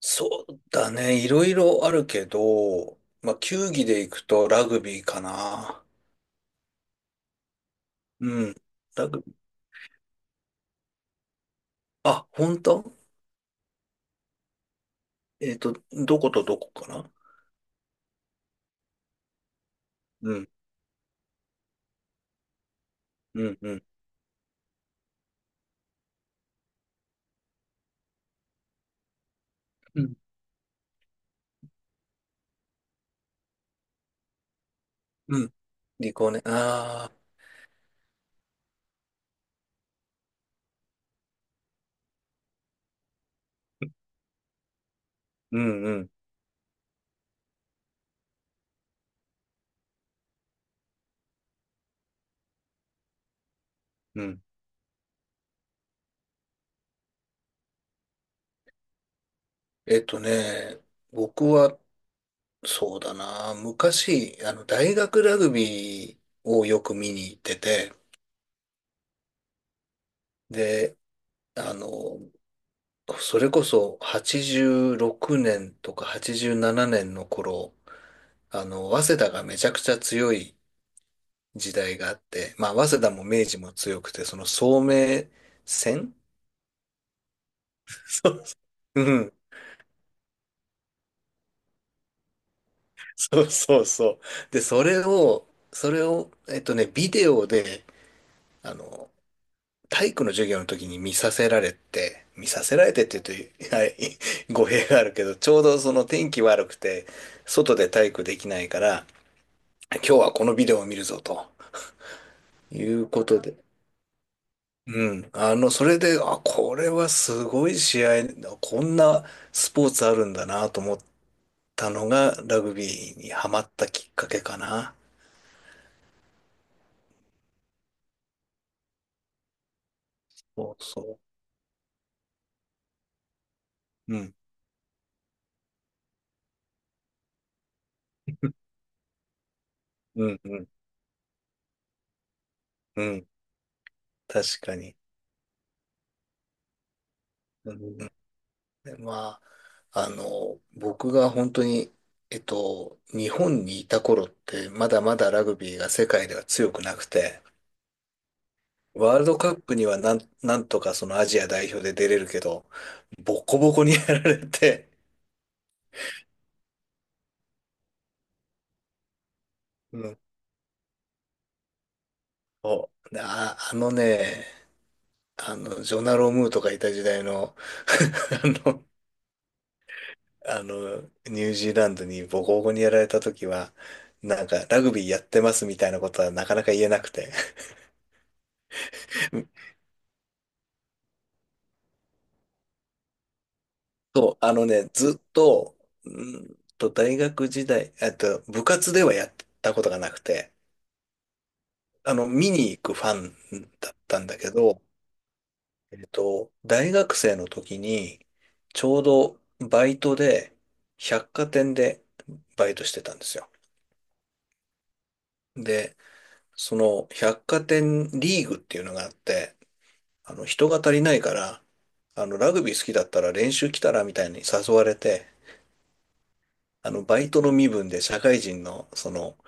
そうだね。いろいろあるけど、まあ、球技で行くとラグビーかな。うん。ラグビー。あ、本当。どことどこかな？うん、うん、うん。うん、うん。リコね。ああ、うん、うん、うん。えっとね、僕は、そうだな。昔、大学ラグビーをよく見に行ってて、で、あの、それこそ86年とか87年の頃、早稲田がめちゃくちゃ強い時代があって、まあ、早稲田も明治も強くて、その聡明戦。そう。うん。そうそうそう。で、それを、それを、ビデオで、あの、体育の授業の時に見させられて、見させられてって言うと、はい、語弊があるけど、ちょうどその天気悪くて、外で体育できないから、今日はこのビデオを見るぞということで、うん。それで、あ、これはすごい試合、こんなスポーツあるんだなと思ったのが、ラグビーにハマったきっかけかな。そうそう。うん。うん、うん、うん。確かに。うん、で、まあ、僕が本当に、日本にいた頃って、まだまだラグビーが世界では強くなくて、ワールドカップにはなんとかそのアジア代表で出れるけど、ボコボコにやられて、うん、そう。で、あ、あのね、ジョナロームーとかいた時代の あの、ニュージーランドにボコボコにやられた時は、なんか、ラグビーやってますみたいなことはなかなか言えなくて。そう、あのね、ずっと、う大学時代、部活ではやったことがなくて、見に行くファンだったんだけど、大学生の時に、ちょうどバイトで、百貨店でバイトしてたんですよ。で、その百貨店リーグっていうのがあって、人が足りないから、ラグビー好きだったら練習来たらみたいに誘われて、バイトの身分で社会人の、その、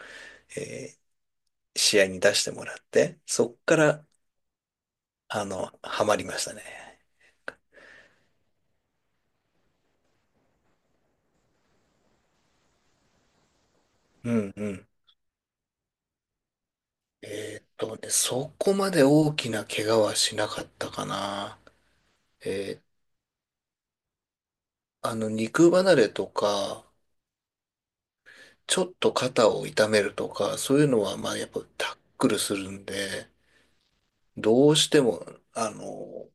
えー試合に出してもらって、そっから、ハマりましたね。うん、うん。そこまで大きな怪我はしなかったかな。えー肉離れとか、ちょっと肩を痛めるとか、そういうのは、まあ、やっぱタックルするんで、どうしても、あの、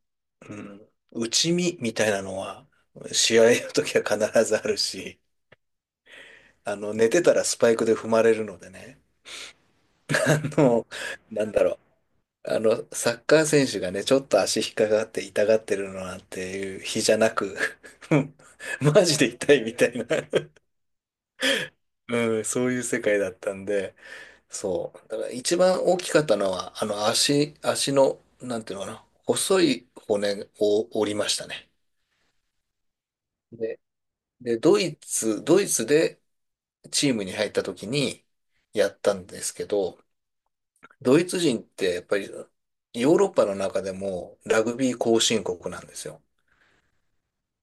うん、内身みたいなのは、試合の時は必ずあるし、寝てたらスパイクで踏まれるのでね、あの、なんだろう、サッカー選手がね、ちょっと足引っかかって痛がってるのなんていう日じゃなく うん、マジで痛いみたいな。うん、そういう世界だったんで、そう。だから一番大きかったのは、足の、なんていうのかな、細い骨を折りましたね。で、で、ドイツでチームに入った時にやったんですけど、ドイツ人ってやっぱりヨーロッパの中でもラグビー後進国なんですよ。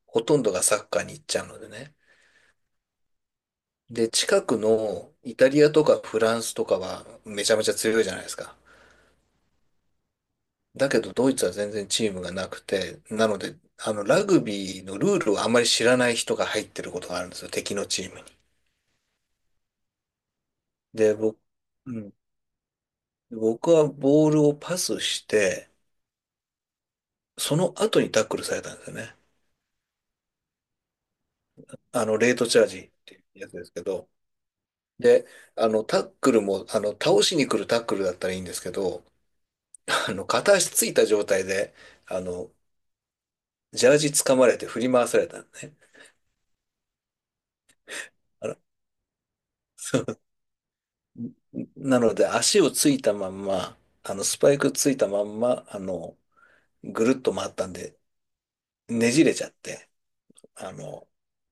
ほとんどがサッカーに行っちゃうのでね。で、近くのイタリアとかフランスとかはめちゃめちゃ強いじゃないですか。だけどドイツは全然チームがなくて、なので、ラグビーのルールをあまり知らない人が入ってることがあるんですよ、敵のチームに。で、僕、うん、僕はボールをパスして、その後にタックルされたんですよね。レートチャージっていうやつですけど。で、タックルも、倒しに来るタックルだったらいいんですけど、片足ついた状態で、あの、ジャージ掴まれて振り回されたのね。あのなので、足をついたまんま、スパイクついたまんま、ぐるっと回ったんで、ねじれちゃって、あの、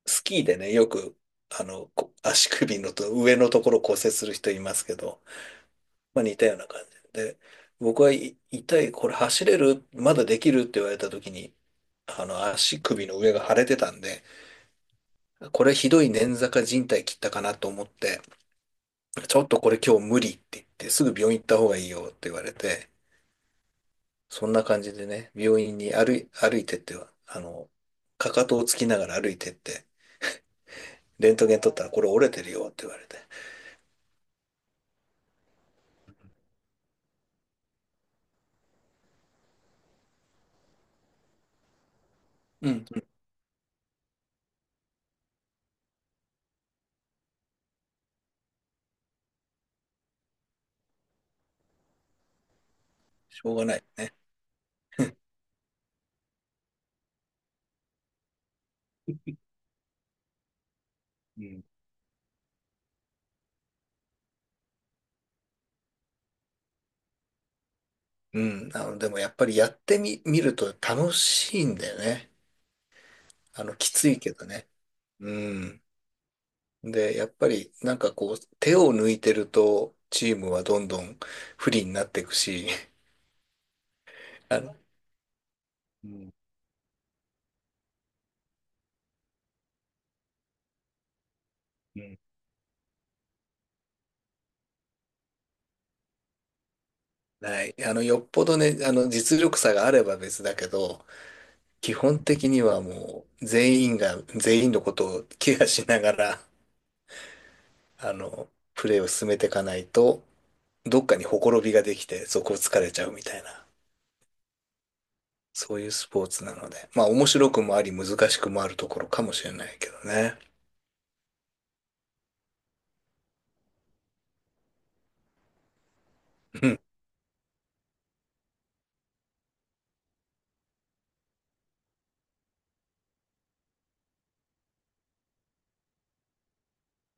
スキーでね、よく、こ足首のと上のところ骨折する人いますけど、まあ似たような感じで、僕はい痛い、これ走れるまだできるって言われた時に、足首の上が腫れてたんで、これひどい捻挫か靭帯切ったかなと思って、ちょっとこれ今日無理って言って、すぐ病院行った方がいいよって言われて、そんな感じでね、病院に歩いてっては、かかとをつきながら歩いてって、レントゲン撮ったらこれ折れてるよって言われて、うん、うん、しょうがないね。うん、うん、でもやっぱりやってみ、見ると楽しいんだよね。きついけどね。うん。で、やっぱりなんかこう、手を抜いてると、チームはどんどん不利になっていくし、あの、うん、うん。ない。よっぽどね、実力差があれば別だけど、基本的にはもう、全員が、全員のことをケアしながら、プレーを進めていかないと、どっかにほころびができて、そこを疲れちゃうみたいな、そういうスポーツなので、まあ、面白くもあり、難しくもあるところかもしれないけどね。うん。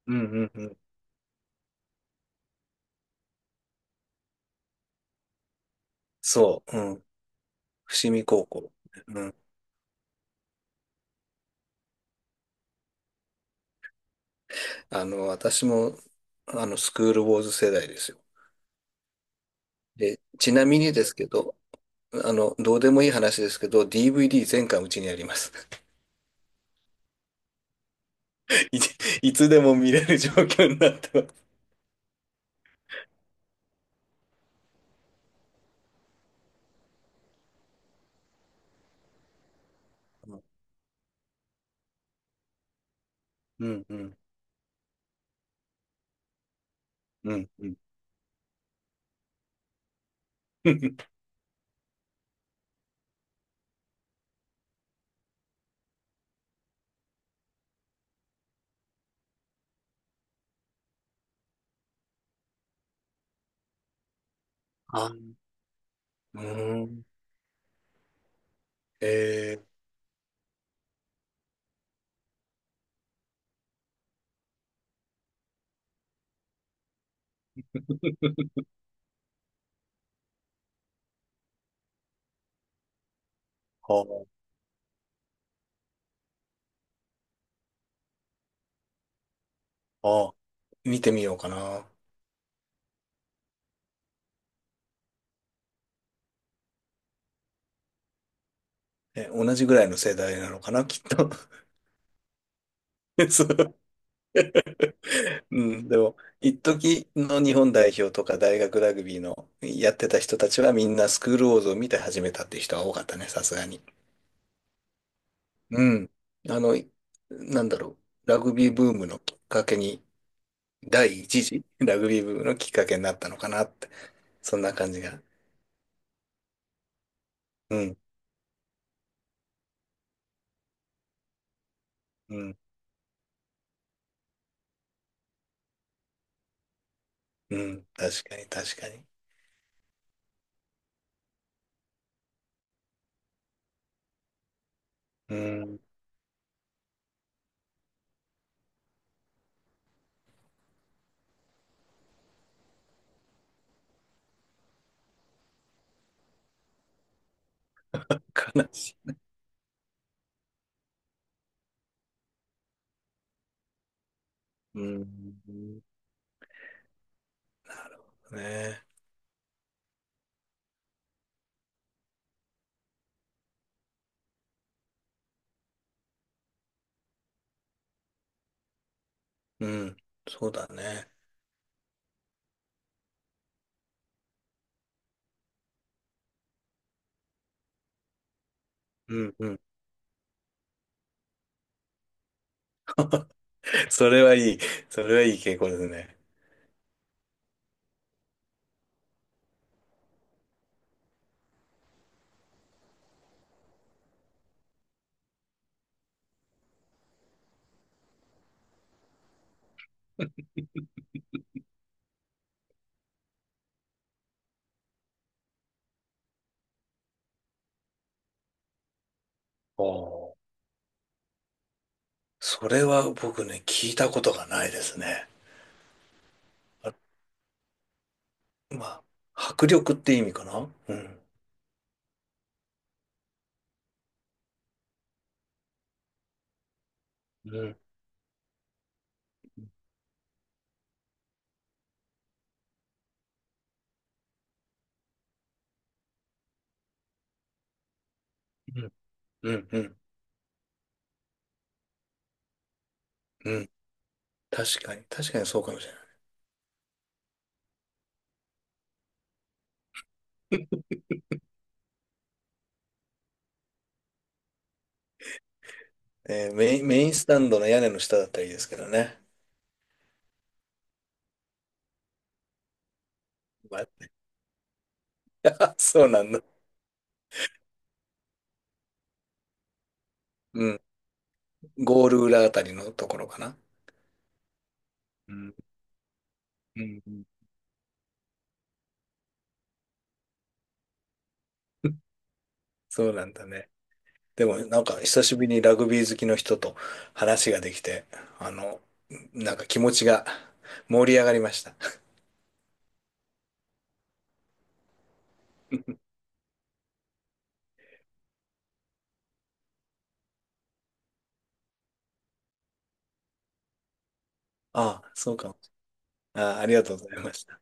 うん、うん、うん。そう、うん。伏見高校。うん。私も、スクールウォーズ世代ですよ。で、ちなみにですけど、どうでもいい話ですけど、DVD 全巻うちにあります。いつ、いつでも見れる状況になってます。うん、うん、うん、うん。あ、うーん。えー、はあ、はあ、見てみようかな。え、同じぐらいの世代なのかな、きっと。そう。うん、でも、一時の日本代表とか大学ラグビーのやってた人たちはみんなスクールウォーズを見て始めたっていう人は多かったね、さすがに。うん。あの、いなんだろう。ラグビーブームのきっかけに、第一次 ラグビーブームのきっかけになったのかなって。そんな感じが。うん。うん。うん。確かに、確かに。うん。悲しい。うん。ね。うん。そうだね。うん。うん。それはいい。それはいい傾向ですね。おー、それは僕ね、聞いたことがないですね。あ、まあ、迫力って意味かな。うん。うん。うん。うん。うん。うん、確かに、確かにそうかもしれない。メインスタンドの屋根の下だったらいいですけどね。まあ そうなんだ。うん。ゴール裏あたりのところかな。うん。うん。うん そうなんだね。でも、なんか、久しぶりにラグビー好きの人と話ができて、あの、なんか気持ちが盛り上がりました。ああ、そうかも。ああ、ありがとうございました。